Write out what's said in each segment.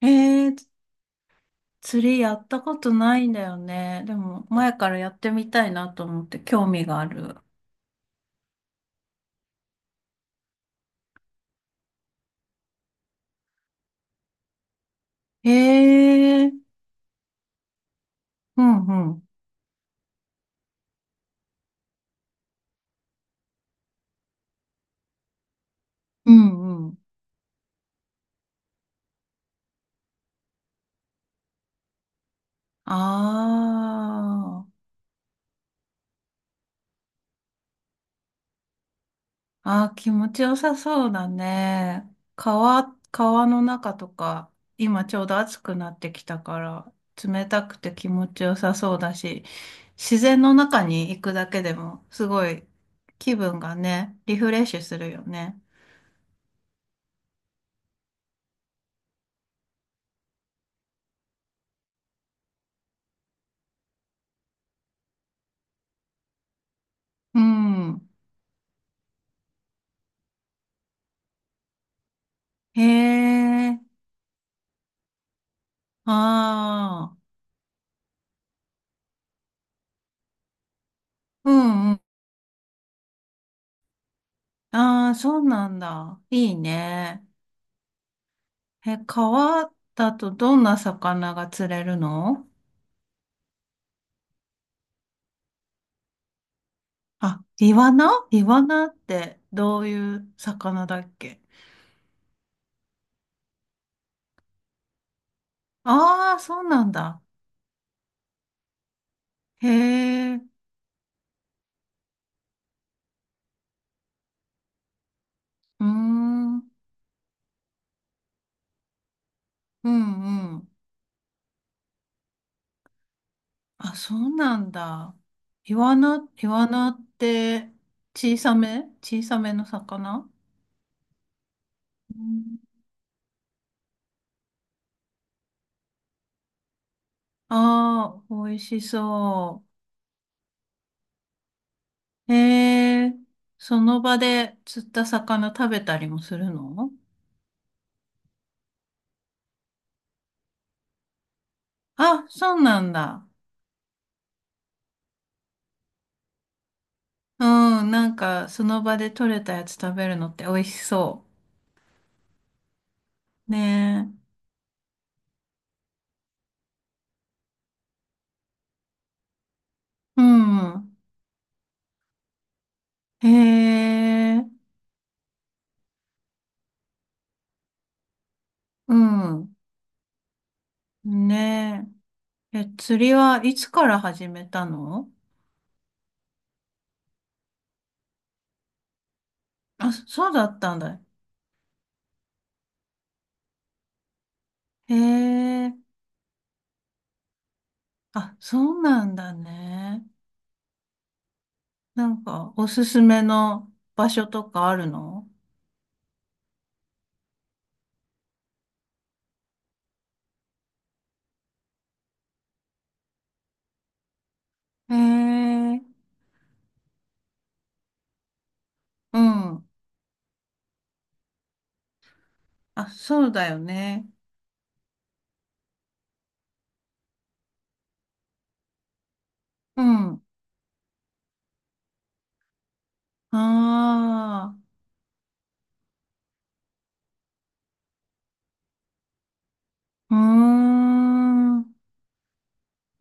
えー、釣りやったことないんだよね。でも、前からやってみたいなと思って興味がある。えー、うんうん。うんうん。あー、あー、気持ちよさそうだね。川の中とか、今ちょうど暑くなってきたから、冷たくて気持ちよさそうだし、自然の中に行くだけでも、すごい気分がね、リフレッシュするよね。うん。へえ、ああ、うんうん。ああ、そうなんだ。いいね。え、川だとどんな魚が釣れるの？あ、イワナってどういう魚だっけ？ああー、そうなんだ。へえ、うーん、うんうん。あ、そうなんだ。イワナって小さめの魚？うん。ああ、美味しそう。へえ、その場で釣った魚食べたりもするの？あ、そうなんだ。うん、なんかその場で取れたやつ食べるのって美味しそう。ねえ。うん。へえ、うん。ねえ。え、釣りはいつから始めたの？あ、そうだったんだ。へえ、あ、そうなんだね。なんかおすすめの場所とかあるの？へえ、うん。あ、そうだよね。うん。ああ、うーん。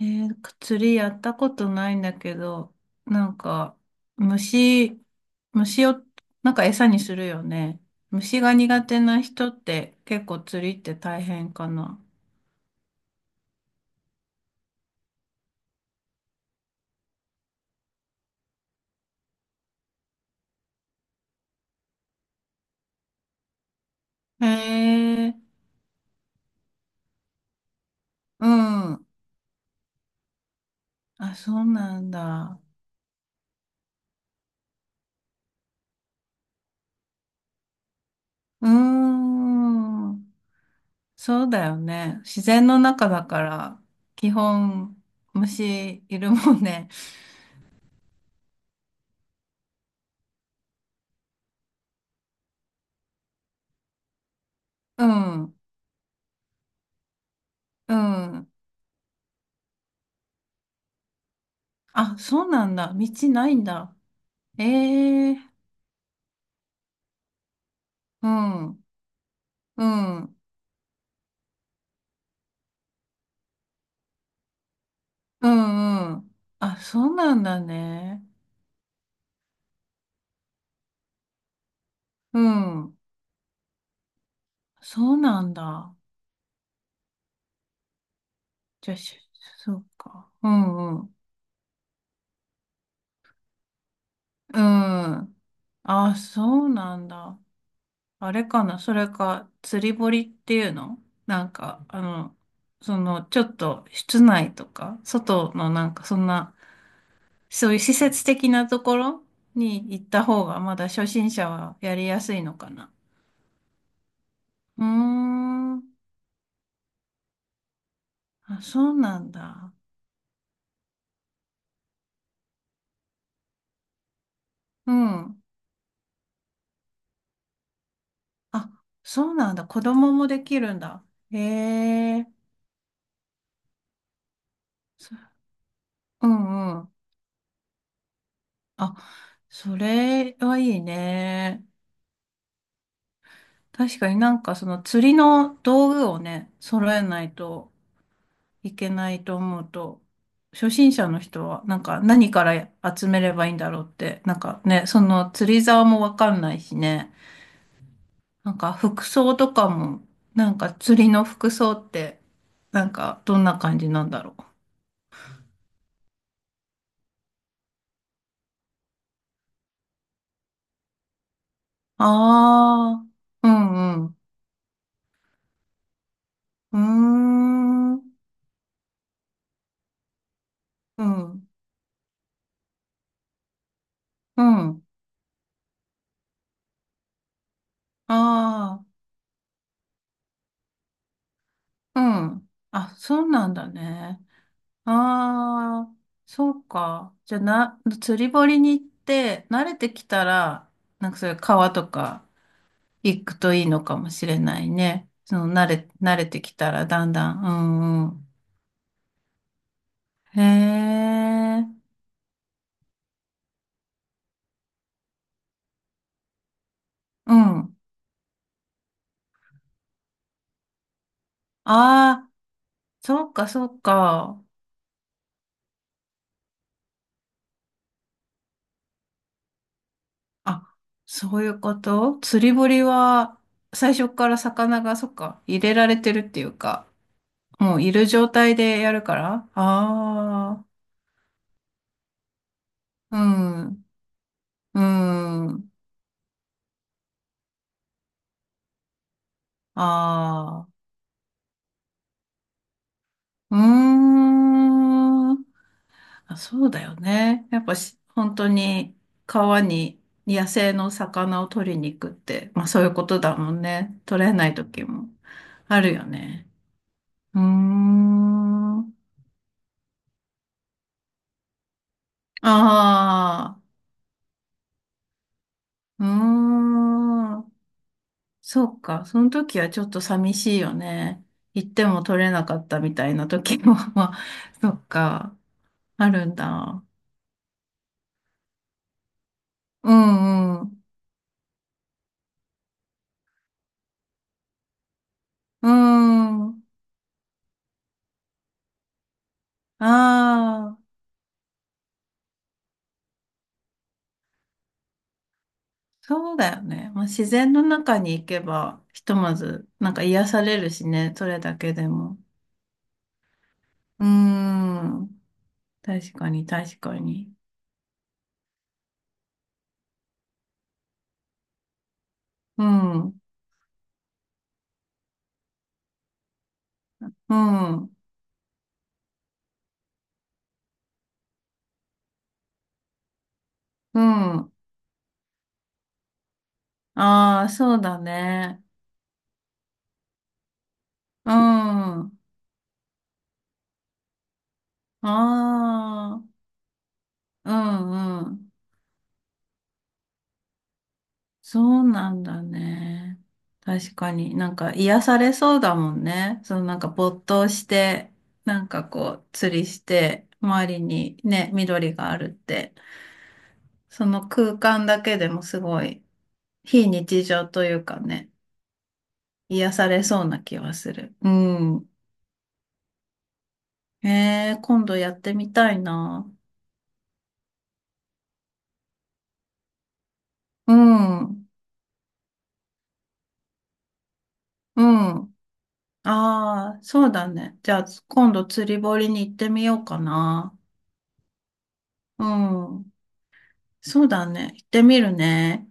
釣りやったことないんだけど、なんか、虫、虫を、なんか餌にするよね。虫が苦手な人って結構釣りって大変かな？へえ、うん。あ、そうなんだ。うーん。そうだよね。自然の中だから、基本、虫いるもんね。うん、うん。あ、そうなんだ。道ないんだ。ええ、うん、うん、うん、うん。あ、そうなんだね。うん、そうなんだ。じゃあ、そうか。うん、うん、うん。あ、そうなんだ。あれかな、それか、釣り堀っていうの？なんか、ちょっと、室内とか、外のなんか、そんな、そういう施設的なところに行った方がまだ初心者はやりやすいのかな？うーん。あ、そうなんだ。うん。あ、そうなんだ。子供もできるんだ。へえ。そうんうん。あ、それはいいね。確かになんかその釣りの道具をね、揃えないといけないと思うと、初心者の人は、なんか何から集めればいいんだろうって、なんかね、その釣り竿もわかんないしね、なんか服装とかも、なんか釣りの服装って、なんかどんな感じなんだろう。ああ、うんうん。うーん、うん、うん。ああ、うん。あ、そうなんだね。ああ、そうか。じゃあな、釣り堀に行って、慣れてきたら、なんかそういう川とか行くといいのかもしれないね。その慣れてきたらだんだん。うんうん。へえ、うん。ああ、そうかそうか。あ、そういうこと釣り堀は、最初から魚が、そっか、入れられてるっていうか、もういる状態でやるから。ああ。うん。うーん。ああ。うーん。あ、そうだよね。やっぱし、本当に川に野生の魚を取りに行くって、まあそういうことだもんね。取れない時もあるよね。うーん。ああ。うーん。そうか。その時はちょっと寂しいよね。行っても取れなかったみたいな時も、まあ、そっか。あるんだ。うんうん。うーん。ああ、そうだよね。まあ、自然の中に行けば、ひとまず、なんか癒されるしね、それだけでも。うーん。確かに、確かに。うん、うん、うん。ああ、そうだね。うん。ああ、うん、うん。そうなんだね。確かになんか癒されそうだもんね。そのなんか没頭して、なんかこう釣りして、周りにね、緑があるって、その空間だけでもすごい非日常というかね、癒されそうな気はする。うん。今度やってみたいな。うん。うん。ああ、そうだね。じゃあ今度釣り堀に行ってみようかな。うん。そうだね。行ってみるね。